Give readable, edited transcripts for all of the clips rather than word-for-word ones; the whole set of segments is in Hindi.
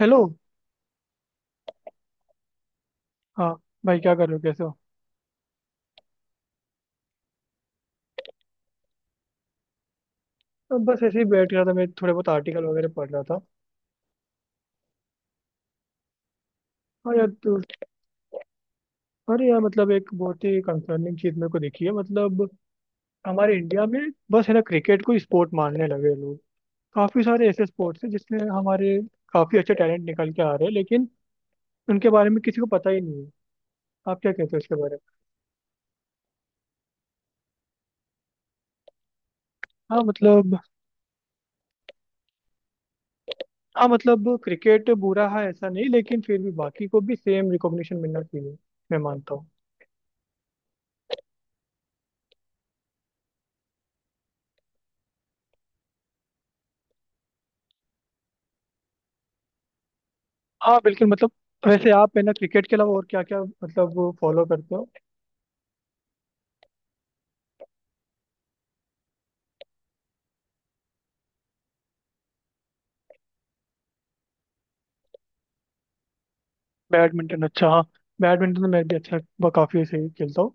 हेलो। हाँ, भाई क्या कर रहे हो, कैसे हो? अब बस ऐसे ही बैठ रहा था, मैं थोड़े बहुत आर्टिकल वगैरह पढ़ रहा था। और यार तो अरे यार, मतलब एक बहुत ही कंसर्निंग चीज़ मेरे को दिखी है। मतलब हमारे इंडिया में बस है ना, क्रिकेट को स्पोर्ट मानने लगे लोग। काफ़ी सारे ऐसे स्पोर्ट्स हैं जिसमें हमारे काफ़ी अच्छे टैलेंट निकल के आ रहे हैं, लेकिन उनके बारे में किसी को पता ही नहीं है। आप क्या कहते हो इसके बारे में? हाँ मतलब। हाँ मतलब क्रिकेट बुरा है ऐसा नहीं, लेकिन फिर भी बाकी को भी सेम रिकॉग्निशन मिलना चाहिए, मैं मानता हूँ। हाँ बिल्कुल, मतलब वैसे आप है ना, क्रिकेट के अलावा और क्या क्या मतलब फॉलो करते हो? बैडमिंटन, अच्छा हाँ। बैडमिंटन तो मैं भी अच्छा काफी सही खेलता हूँ।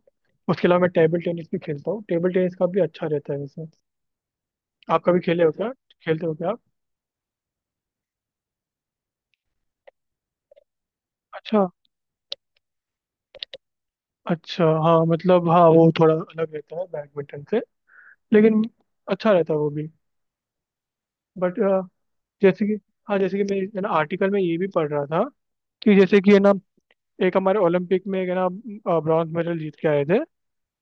उसके अलावा मैं टेबल टेनिस भी खेलता हूँ, टेबल टेनिस का भी अच्छा रहता है वैसे। आप कभी खेले हो क्या, खेलते हो क्या आप? अच्छा अच्छा। हाँ मतलब हाँ, वो थोड़ा अलग रहता है बैडमिंटन से, लेकिन अच्छा रहता है वो भी। बट जैसे कि, हाँ जैसे कि मैं है ना आर्टिकल में ये भी पढ़ रहा था कि जैसे कि है ना एक हमारे ओलंपिक में एक है ना ब्रॉन्ज मेडल जीत के आए थे,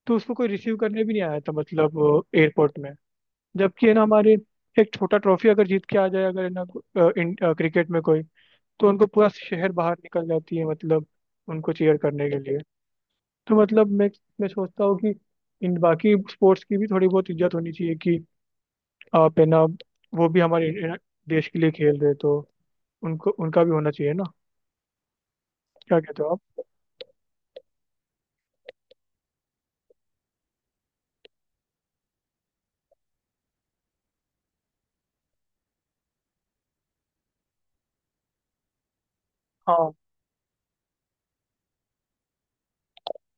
तो उसको कोई रिसीव करने भी नहीं आया था, मतलब एयरपोर्ट में। जबकि है ना हमारे एक छोटा ट्रॉफी अगर जीत के आ जाए, अगर है ना इन क्रिकेट में कोई, तो उनको पूरा शहर बाहर निकल जाती है, मतलब उनको चीयर करने के लिए। तो मतलब मैं सोचता हूँ कि इन बाकी स्पोर्ट्स की भी थोड़ी बहुत इज्जत होनी चाहिए कि आप है ना, वो भी हमारे है ना, देश के लिए खेल रहे, तो उनको उनका भी होना चाहिए ना, क्या कहते हो आप?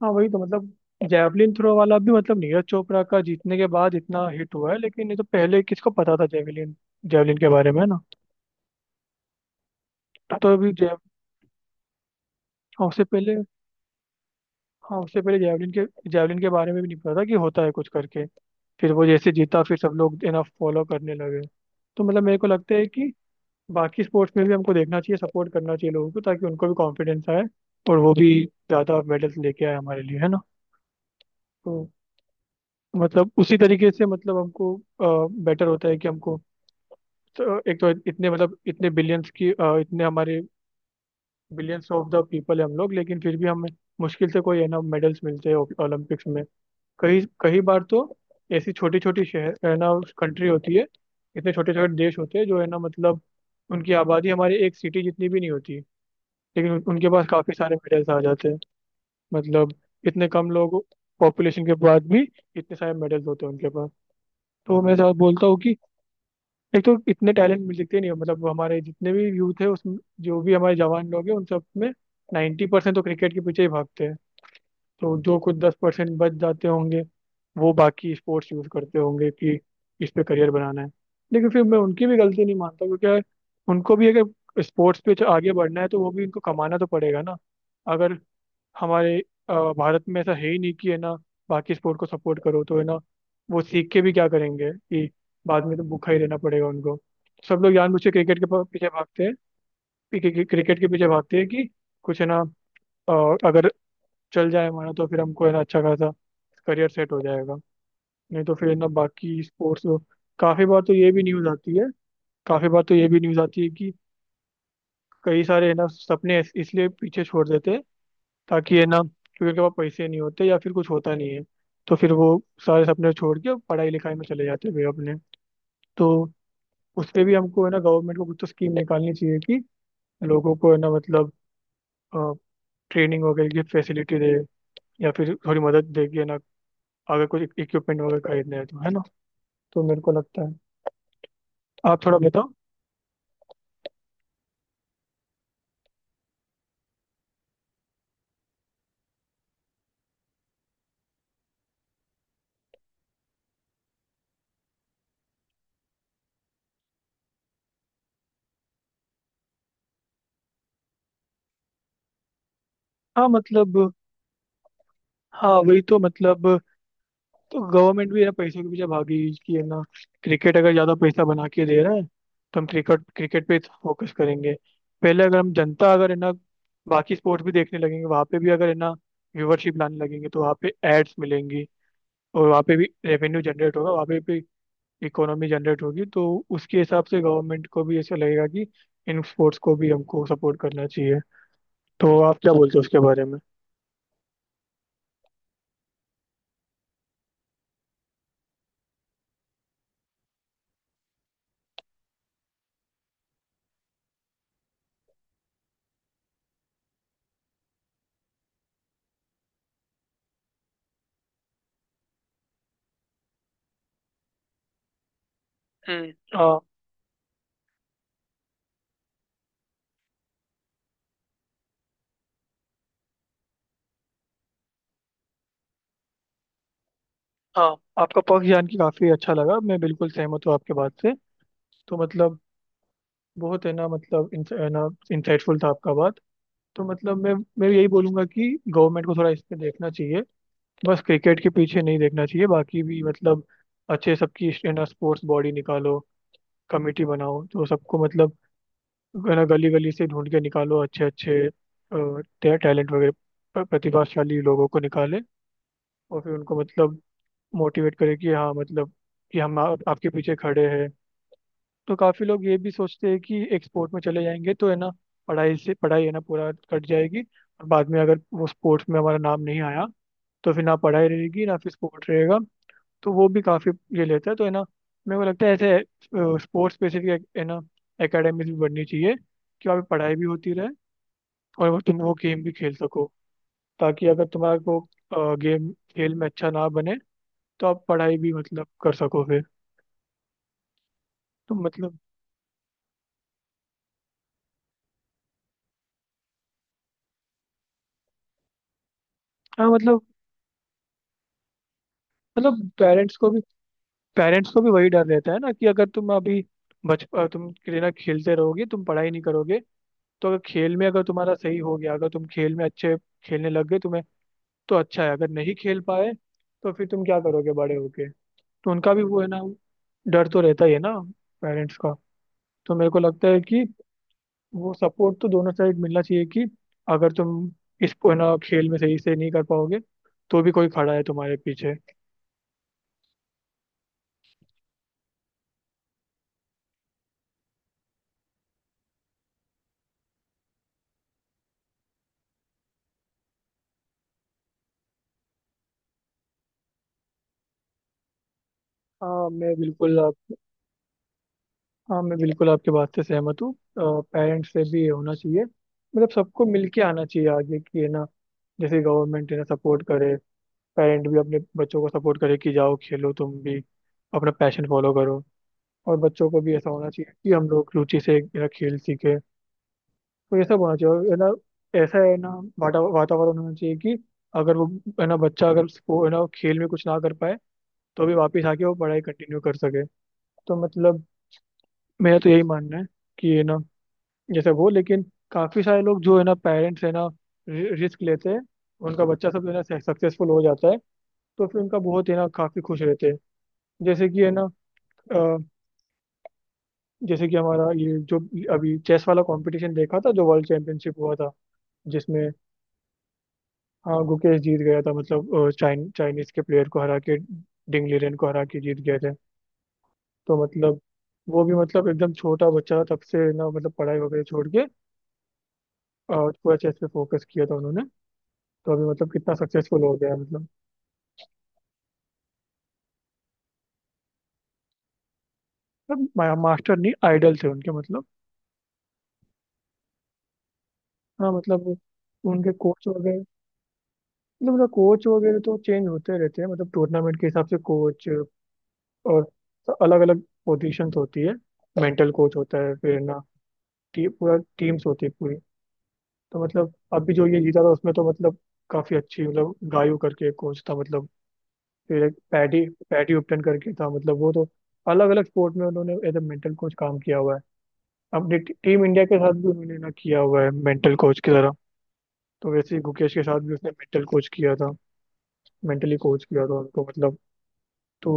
हाँ वही तो मतलब, जैवलिन थ्रो वाला भी मतलब नीरज चोपड़ा का जीतने के बाद इतना हिट हुआ है, लेकिन ये तो पहले किसको पता था, जैवलिन जैवलिन के बारे में ना। तो अभी जैव हाँ, उससे पहले। हाँ उससे पहले जैवलिन के बारे में भी नहीं पता था कि होता है कुछ, करके फिर वो जैसे जीता फिर सब लोग इतना फॉलो करने लगे। तो मतलब मेरे को लगता है कि बाकी स्पोर्ट्स में भी हमको देखना चाहिए, सपोर्ट करना चाहिए लोगों को, ताकि उनको भी कॉन्फिडेंस आए और वो भी ज़्यादा मेडल्स लेके आए हमारे लिए, है ना? तो मतलब उसी तरीके से मतलब हमको बेटर होता है कि हमको, तो एक तो इतने मतलब इतने बिलियंस की इतने हमारे बिलियंस ऑफ द पीपल है हम लोग, लेकिन फिर भी हमें मुश्किल से कोई है ना मेडल्स मिलते हैं ओलंपिक्स में। कई कई बार तो ऐसी छोटी छोटी शहर है ना, कंट्री होती है, इतने छोटे छोटे देश होते हैं जो है ना मतलब उनकी आबादी हमारी एक सिटी जितनी भी नहीं होती, लेकिन उनके पास काफी सारे मेडल्स आ जाते हैं। मतलब इतने कम लोग, पॉपुलेशन के बाद भी इतने सारे मेडल्स होते हैं उनके पास। तो मैं साथ बोलता हूँ कि एक तो इतने टैलेंट मिल सकते नहीं है, मतलब हमारे जितने भी यूथ है उसमें, जो भी हमारे जवान लोग हैं उन सब में 90% तो क्रिकेट के पीछे ही भागते हैं। तो जो कुछ 10% बच जाते होंगे, वो बाकी स्पोर्ट्स यूज करते होंगे कि इस पे करियर बनाना है। लेकिन फिर मैं उनकी भी गलती नहीं मानता, क्योंकि यार उनको भी अगर स्पोर्ट्स पे आगे बढ़ना है तो वो भी उनको कमाना तो पड़ेगा ना। अगर हमारे भारत में ऐसा है ही नहीं कि है ना बाकी स्पोर्ट को सपोर्ट करो, तो है ना वो सीख के भी क्या करेंगे कि बाद में तो भूखा ही रहना पड़ेगा उनको। सब लोग जानबूझ के क्रिकेट के पीछे भागते हैं। क्रिकेट क्रिकेट के पीछे भागते हैं कि कुछ है ना अगर चल जाए हमारा तो फिर हमको है ना अच्छा खासा करियर सेट हो जाएगा, नहीं तो फिर है ना बाकी स्पोर्ट्स। काफ़ी बार तो ये भी न्यूज़ आती है काफ़ी बार तो ये भी न्यूज़ आती है कि कई सारे है ना सपने इसलिए पीछे छोड़ देते हैं, ताकि है ना, क्योंकि उनके पास पैसे नहीं होते या फिर कुछ होता नहीं है, तो फिर वो सारे सपने छोड़ के पढ़ाई लिखाई में चले जाते हैं वे अपने। तो उस पे भी हमको है ना गवर्नमेंट को कुछ तो स्कीम निकालनी चाहिए कि लोगों को है ना मतलब ट्रेनिंग वगैरह की फैसिलिटी दे, या फिर थोड़ी मदद दे कि है ना, अगर कुछ इक्विपमेंट वगैरह खरीदना है तो है ना। तो मेरे को लगता है, आप थोड़ा बताओ। हाँ मतलब। हाँ वही तो मतलब, तो गवर्नमेंट भी ना पैसों के पीछे भागी कि है ना क्रिकेट अगर ज्यादा पैसा बना के दे रहा है तो हम क्रिकेट क्रिकेट पे फोकस करेंगे। पहले अगर हम जनता अगर है ना बाकी स्पोर्ट्स भी देखने लगेंगे, वहाँ पे भी अगर है ना व्यूवरशिप लाने लगेंगे तो वहाँ पे एड्स मिलेंगी, और वहाँ पे भी रेवेन्यू जनरेट होगा, वहाँ पे भी इकोनॉमी जनरेट होगी, तो उसके हिसाब से गवर्नमेंट को भी ऐसा लगेगा कि इन स्पोर्ट्स को भी हमको सपोर्ट करना चाहिए। तो आप क्या बोलते हो उसके बारे में? हम्म। हाँ हाँ, आपका पक्ष जान के काफी अच्छा लगा, मैं बिल्कुल सहमत हूँ आपके बात से। तो मतलब बहुत है ना मतलब है ना इंसाइटफुल था आपका बात। तो मतलब मैं यही बोलूंगा कि गवर्नमेंट को थोड़ा इस पे देखना चाहिए, बस क्रिकेट के पीछे नहीं देखना चाहिए, बाकी भी मतलब अच्छे सबकी है ना स्पोर्ट्स बॉडी निकालो, कमेटी बनाओ तो सबको मतलब है ना, गली गली से ढूंढ के निकालो अच्छे अच्छे टैलेंट वगैरह, प्रतिभाशाली लोगों को निकाले, और फिर उनको मतलब मोटिवेट करे कि हाँ मतलब कि हम आपके पीछे खड़े हैं। तो काफी लोग ये भी सोचते हैं कि एक्सपोर्ट में चले जाएंगे तो है ना पढ़ाई है ना पूरा कट जाएगी, और बाद में अगर वो स्पोर्ट्स में हमारा नाम नहीं आया तो फिर ना पढ़ाई रहेगी ना फिर स्पोर्ट रहेगा, तो वो भी काफी ये लेता है तो है ना, मेरे को लगता है ऐसे स्पोर्ट्स स्पेसिफिक है ना एकेडमीज भी बननी चाहिए कि वहाँ पे पढ़ाई भी होती रहे और वो तुम वो गेम भी खेल सको, ताकि अगर तुम्हारा को गेम खेल में अच्छा ना बने तो आप पढ़ाई भी मतलब कर सको फिर। तो मतलब, हाँ मतलब, पेरेंट्स को भी, वही डर रहता है ना कि अगर तुम अभी तुम के लिए ना खेलते रहोगे तुम पढ़ाई नहीं करोगे, तो अगर खेल में, अगर तुम्हारा सही हो गया, अगर तुम खेल में अच्छे खेलने लग गए तुम्हें, तो अच्छा है, अगर नहीं खेल पाए तो फिर तुम क्या करोगे बड़े होके, तो उनका भी वो है ना डर तो रहता ही है ना पेरेंट्स का। तो मेरे को लगता है कि वो सपोर्ट तो दोनों साइड मिलना चाहिए कि अगर तुम इस है ना खेल में सही से नहीं कर पाओगे तो भी कोई खड़ा है तुम्हारे पीछे। हाँ मैं बिल्कुल। हाँ मैं बिल्कुल आपकी बात से सहमत हूँ, पेरेंट्स से भी ये होना चाहिए, मतलब सबको मिलके आना चाहिए आगे कि है ना, जैसे गवर्नमेंट है ना सपोर्ट करे, पेरेंट भी अपने बच्चों को सपोर्ट करे कि जाओ खेलो तुम भी, अपना पैशन फॉलो करो, और बच्चों को भी ऐसा होना चाहिए कि हम लोग रुचि से है ना खेल सीखे। तो ये सब होना चाहिए और है ना, ऐसा है ना वातावरण होना चाहिए कि अगर वो है ना बच्चा अगर उसको है ना खेल में कुछ ना कर पाए तो भी वापस आके वो पढ़ाई कंटिन्यू कर सके। तो मतलब मेरा तो यही मानना है कि है ना, जैसे वो, लेकिन काफी सारे लोग जो है ना पेरेंट्स है ना रिस्क लेते हैं, उनका बच्चा सब है ना सक्सेसफुल हो जाता है, तो फिर उनका बहुत है ना काफी खुश रहते हैं। जैसे कि है ना अ, जैसे कि हमारा ये जो अभी चेस वाला कंपटीशन देखा था, जो वर्ल्ड चैंपियनशिप हुआ था जिसमें, हाँ गुकेश जीत गया था, मतलब चाइनीज के प्लेयर को हरा के, डिंग लीरेन को हरा के जीत गए थे। तो मतलब वो भी मतलब एकदम छोटा बच्चा था तब से ना, मतलब पढ़ाई वगैरह छोड़ के अ, पूरा चेस पे फोकस किया था उन्होंने, तो अभी मतलब कितना सक्सेसफुल हो गया है मतलब। मतलब मास्टर नहीं आइडल थे उनके मतलब। हाँ मतलब उनके कोच वगैरह, मतलब उनका कोच वगैरह तो चेंज होते रहते हैं, मतलब टूर्नामेंट के हिसाब से कोच, और अलग अलग पोजीशंस होती है, मेंटल कोच होता है फिर ना, पूरा टीम्स होती है पूरी। तो मतलब अभी जो ये जीता था उसमें तो मतलब काफी अच्छी मतलब गायू करके कोच था मतलब, फिर एक पैडी पैडी उपटन करके था, मतलब वो तो अलग अलग स्पोर्ट में उन्होंने एज ए मेंटल कोच काम किया हुआ है, अपनी टीम इंडिया के साथ भी उन्होंने ना किया हुआ है मेंटल कोच की तरह। तो वैसे ही गुकेश के साथ भी उसने मेंटल कोच किया था, मेंटली कोच किया था उनको मतलब। तो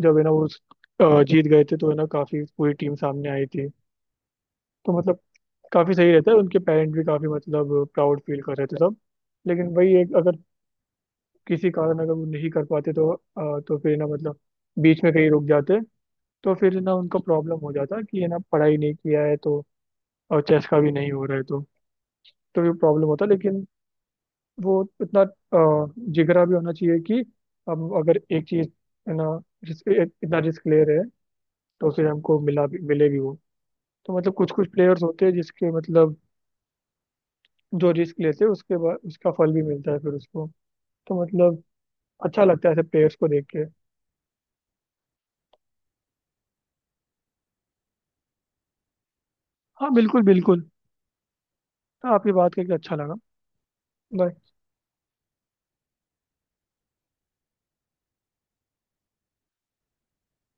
जब है ना वो जीत गए थे तो है ना काफी पूरी टीम सामने आई थी, तो मतलब काफी सही रहता है, उनके पेरेंट भी काफी मतलब प्राउड फील कर रहे थे सब। लेकिन वही एक, अगर किसी कारण अगर वो नहीं कर पाते तो तो फिर ना मतलब बीच में कहीं रुक जाते, तो फिर ना उनका प्रॉब्लम हो जाता कि है ना पढ़ाई नहीं किया है तो, और चेस का भी नहीं हो रहा है तो ये प्रॉब्लम होता। लेकिन वो इतना जिगरा भी होना चाहिए कि हम अगर एक चीज है ना, रिस्क, इतना रिस्क ले रहे हैं तो उसे हमको मिला भी मिलेगी वो। तो मतलब कुछ कुछ प्लेयर्स होते हैं जिसके मतलब, जो रिस्क लेते हैं उसके बाद उसका फल भी मिलता है फिर उसको, तो मतलब अच्छा लगता है ऐसे प्लेयर्स को देख के। हाँ बिल्कुल बिल्कुल, हाँ आपकी बात करके अच्छा लगा। Bye.